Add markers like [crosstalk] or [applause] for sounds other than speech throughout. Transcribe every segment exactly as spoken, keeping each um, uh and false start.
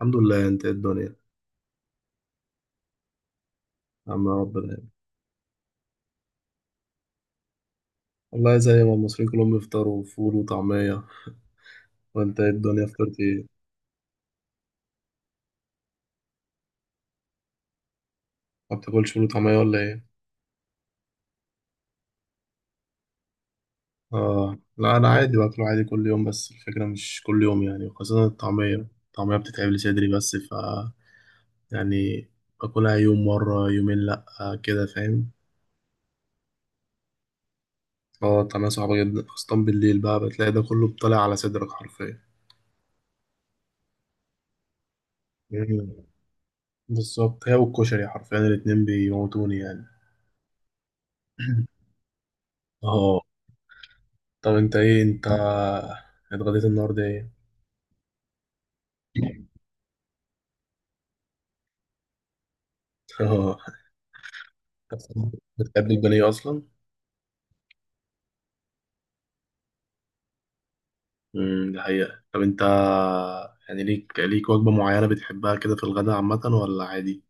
الحمد لله. انت ايه الدنيا؟ يا عم يا رب العالمين. والله زي ما المصريين كلهم يفطروا فول وطعمية. وانت ايه الدنيا، فطرت ايه؟ ما بتاكلش فول وطعمية ولا ايه؟ اه لا، انا عادي باكله عادي كل يوم، بس الفكرة مش كل يوم يعني، خاصة الطعمية الطعمية بتتعب لي صدري، بس ف يعني باكلها يوم، مرة يومين، لا آه كده فاهم. اه الطعمية صعبة جدا، خاصة بالليل بقى بتلاقي ده كله طالع على صدرك حرفيا. مم. بالظبط، هي والكشري حرفيا الاتنين بيموتوني يعني. [clears throat] اه. طب انت ايه انت اتغديت النهارده ايه؟ اه. بتحب البانيه اصلا؟ امم دي حقيقة. طب انت، يعني ليك ليك وجبة معينة بتحبها كده في الغداء عامة، ولا عادي؟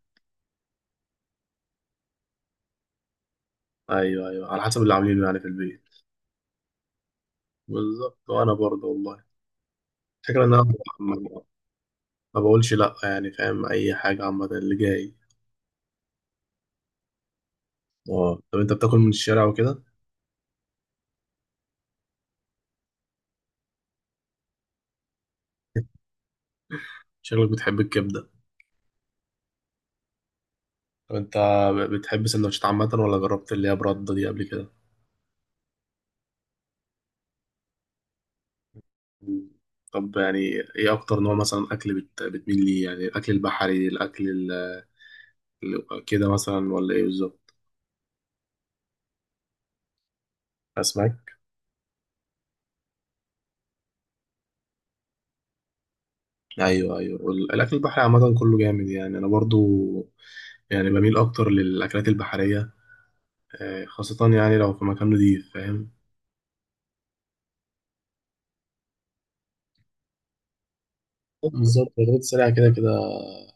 ايوه، ايوه، على حسب اللي عاملينه يعني في البيت. بالظبط، وانا برضه والله. الفكرة ان انا ما ما بقولش لا يعني، فاهم؟ اي حاجة عامة اللي جاي. اه. طب انت بتاكل من الشارع وكده؟ شكلك بتحب الكبدة. طب انت، بتحب سندوتشات عامة، ولا جربت اللي هي برده دي قبل كده؟ طب يعني، ايه اكتر نوع مثلا اكل بت... بتميل ليه، يعني الاكل البحري، الاكل ال... ال- كده مثلا، ولا ايه بالظبط؟ اسماك. ايوه ايوه، وال- الاكل البحري عامه كله جامد يعني، انا برضو يعني بميل اكتر للاكلات البحريه. آه، خاصه يعني لو في مكان نضيف فاهم. بالظبط، الرد السريع كده كده.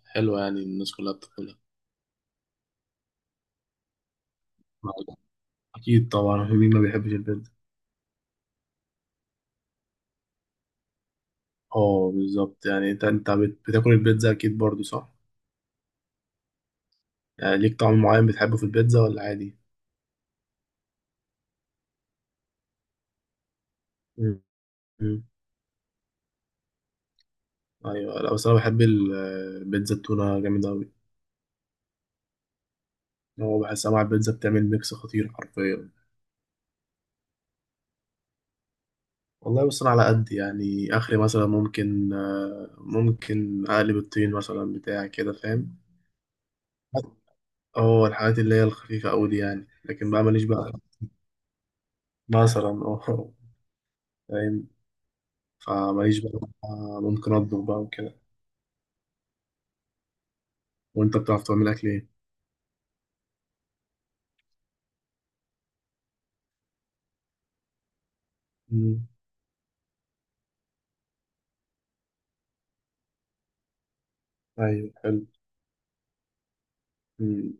حلوة يعني، الناس كلها بتاكلها. اكيد طبعا [laughs] مين ما بيحبش البيتزا. اه بالظبط، يعني انت انت بت- بتاكل البيتزا اكيد برضو، صح؟ يعني ليك طعم معين بتحبه في البيتزا، ولا عادي؟ مم. ايوه، لا بس انا بحب ال- البيتزا التونه جامده قوي. هو بحسها مع البيتزا بتعمل ميكس خطير حرفيا. والله بص، انا على قد يعني اخري، مثلا ممكن آه، ممكن اقلب الطين مثلا بتاع كده فاهم. اه الحاجات اللي هي الخفيفه قوي دي يعني، لكن بقى ماليش بقى. مثلا اه، فاهم. فماليش بقى، آه، ممكن اطبخ بقى وكده. وانت بتعرف تعمل اكل ايه؟ مم. ايوه حلو. مم.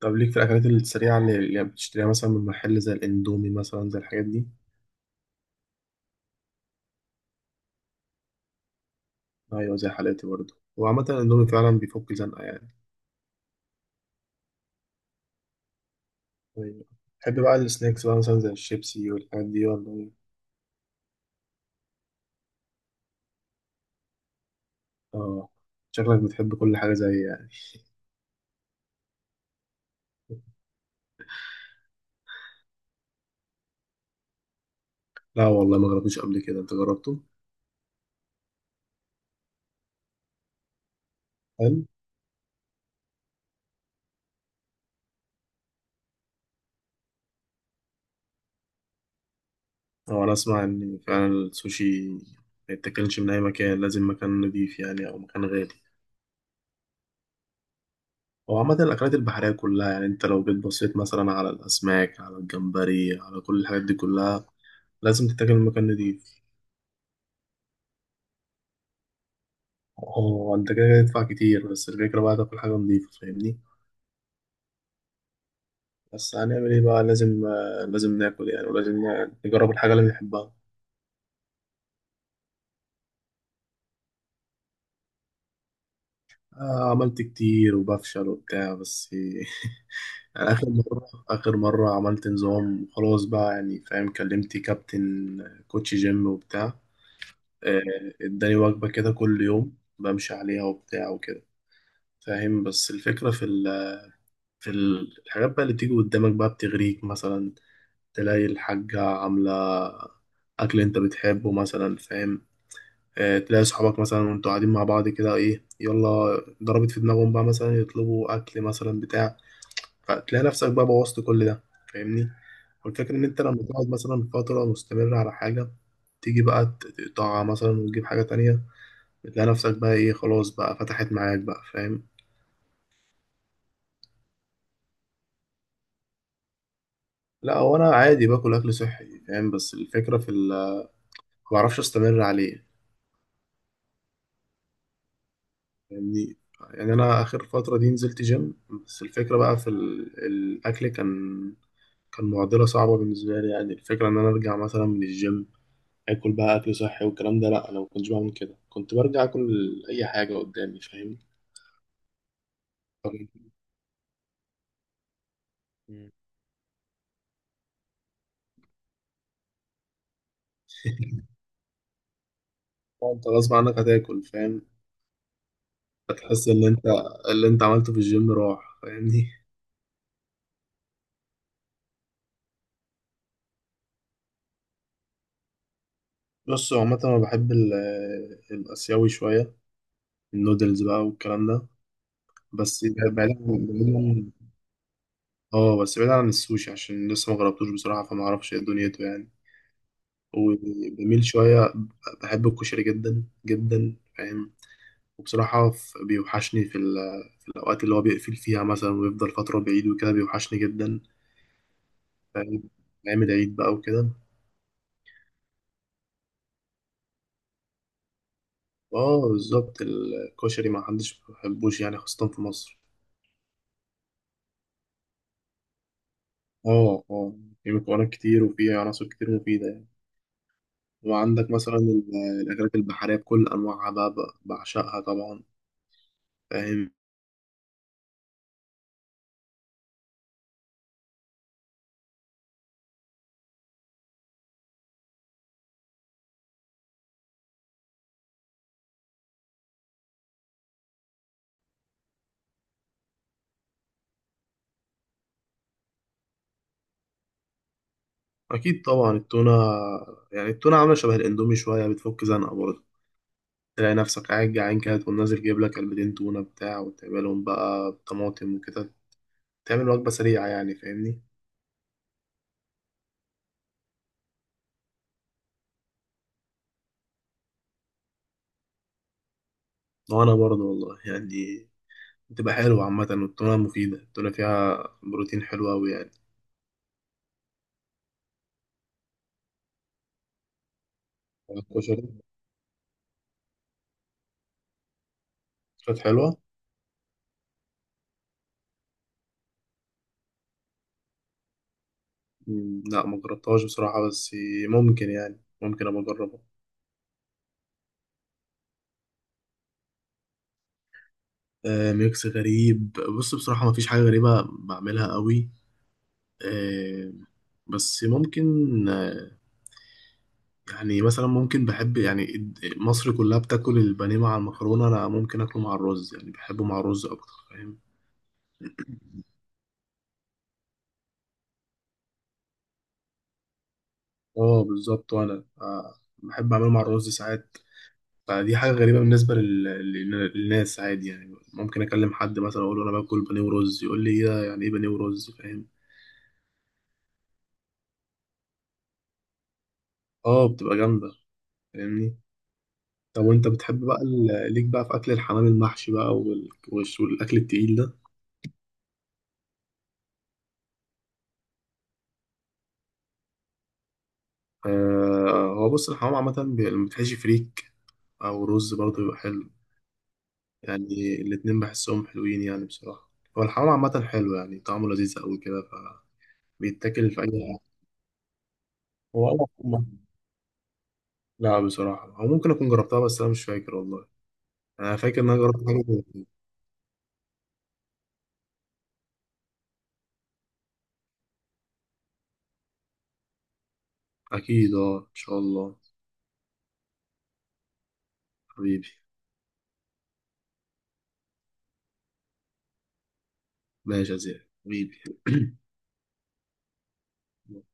طب ليك في الاكلات السريعه اللي اللي بتشتريها مثلا من محل زي الاندومي مثلا، زي الحاجات دي؟ ايوه، زي حالاتي برضه. وعامة الاندومي فعلا بيفك زنقة يعني. ايوه. تحب بقى السناكس بقى مثلا زي الشيبسي والحاجات دي، ولا ايه؟ اه، شكلك بتحب كل حاجة زي يعني. لا والله، ما جربتوش قبل كده، انت جربته؟ هل؟ هو انا اسمع ان فعلا السوشي ما يتاكلش من اي مكان، لازم مكان نضيف يعني، او مكان غالي. هو عامة الأكلات البحرية كلها يعني، أنت لو جيت بصيت مثلا على الأسماك، على الجمبري، على كل الحاجات دي كلها، لازم تتاكل من مكان نضيف. هو انت كده كده تدفع كتير، بس الفكرة بقى تاكل حاجة نضيفة فاهمني؟ بس هنعمل ايه بقى، لازم آه، لازم ناكل يعني، ولازم نجرب الحاجة اللي بنحبها. آه عملت كتير وبفشل وبتاع بس [laughs] يعني آخر مرة آخر مرة عملت نظام خلاص بقى يعني، فاهم؟ كلمت كابتن كوتش جيم وبتاع. آه، اداني وجبة كده كل يوم بمشي عليها وبتاع وكده فاهم. بس الفكرة في ال في ال- الحاجات بقى اللي بتيجي قدامك بقى بتغريك مثلا، تلاقي الحاجة عاملة أكل أنت بتحبه مثلا فاهم. آه، تلاقي صحابك مثلا وأنتوا قاعدين مع بعض كده، إيه يلا، ضربت في دماغهم بقى مثلا، يطلبوا أكل مثلا بتاع، فتلاقي نفسك بقى بوظت كل ده فاهمني. والفكرة إن أنت لما تقعد مثلا فترة مستمرة على حاجة، تيجي بقى ت- تقطعها مثلا، وتجيب حاجة تانية، بتلاقي نفسك بقى إيه، خلاص بقى فتحت معاك بقى فاهم. لا هو أنا عادي باكل أكل صحي فاهم، بس الفكرة في ال- ما بعرفش أستمر عليه يعني. يعني انا اخر فتره دي نزلت جيم، بس الفكره بقى في ال- الاكل كان كان معضله صعبه بالنسبه لي. يعني الفكره ان انا ارجع مثلا من الجيم اكل بقى اكل صحي والكلام ده، لا انا ما كنتش بعمل كده، كنت برجع اكل اي حاجه قدامي فاهم. طب. مم. [laughs] انت غصب عنك هتاكل فاهم، هتحس ان انت اللي انت عملته في الجيم راح فاهمني. بص هو عامه انا بحب ال- الاسيوي شويه، النودلز بقى والكلام ده، بس بعيدا، اه بس بعيد عن السوشي عشان لسه ما جربتوش بصراحة، فما اعرفش ايه دنيته يعني. وبميل شوية، بحب الكشري جدا جدا فاهم. وبصراحة ف- بيوحشني في, ال- في الأوقات اللي هو بيقفل فيها مثلا، ويفضل فترة بعيد وكده بيوحشني جدا فاهم. نعمل عيد بقى وكده. اه بالظبط، الكشري ما حدش ما بيحبوش يعني، خاصة في مصر. اه اه، في مكونات كتير، وفي عناصر كتير مفيدة يعني. وعندك مثلا ال- الأكلات البحرية بكل أنواعها، بقى بقى- بعشقها طبعا فاهم. اكيد طبعا التونه. يعني التونه عامله شبه الاندومي شويه، بتفك زنقه برضه. تلاقي نفسك قاعد جعان كده تقوم نازل جايب لك علبتين تونه بتاع، وتعملهم بقى طماطم وكده، تعمل وجبه سريعه يعني فاهمني. وانا برضه والله يعني، بتبقى حلوه عامه. والتونه مفيده، التونه فيها بروتين حلو قوي يعني. الكشري كانت حلوه. مم، لا ما جربتهاش بصراحه، بس ممكن يعني، ممكن ابقى اجربها. آه، ميكس غريب. بص بصراحه ما فيش حاجه غريبه بعملها قوي. آه، بس ممكن، آه، يعني مثلا ممكن بحب يعني الد- مصر كلها بتاكل البانيه مع المكرونة، أنا ممكن أكله مع الرز يعني، بحبه مع الرز أكتر فاهم. اه بالظبط، وأنا آه، بحب أعمله مع الرز ساعات. فدي حاجة غريبة بالنسبة لل- لل- للناس، عادي يعني. ممكن أكلم حد مثلا أقول له أنا باكل بانيه ورز، يقول لي إيه ده؟ يعني إيه بانيه ورز فاهم. اه بتبقى جامدة فاهمني. طب وأنت بتحب بقى ال- ليك بقى في أكل الحمام المحشي بقى وال- والش- والأكل التقيل ده؟ آه، هو بص الحمام عامة بي- لما بتحشي فريك أو رز برضه بيبقى حلو. يعني الاتنين بحسهم حلوين يعني بصراحة. هو الحمام عامة حلو يعني، طعمه لذيذ أوي كده، فبيتاكل في أي حاجة. هو أنا أكون- لا بصراحة، هو ممكن أكون جربتها بس أنا مش فاكر والله. أنا فاكر إن أنا جربت حاجة. أكيد أه، إن شاء الله. حبيبي. ماشي يا زياد حبيبي. [clears throat] [coughs]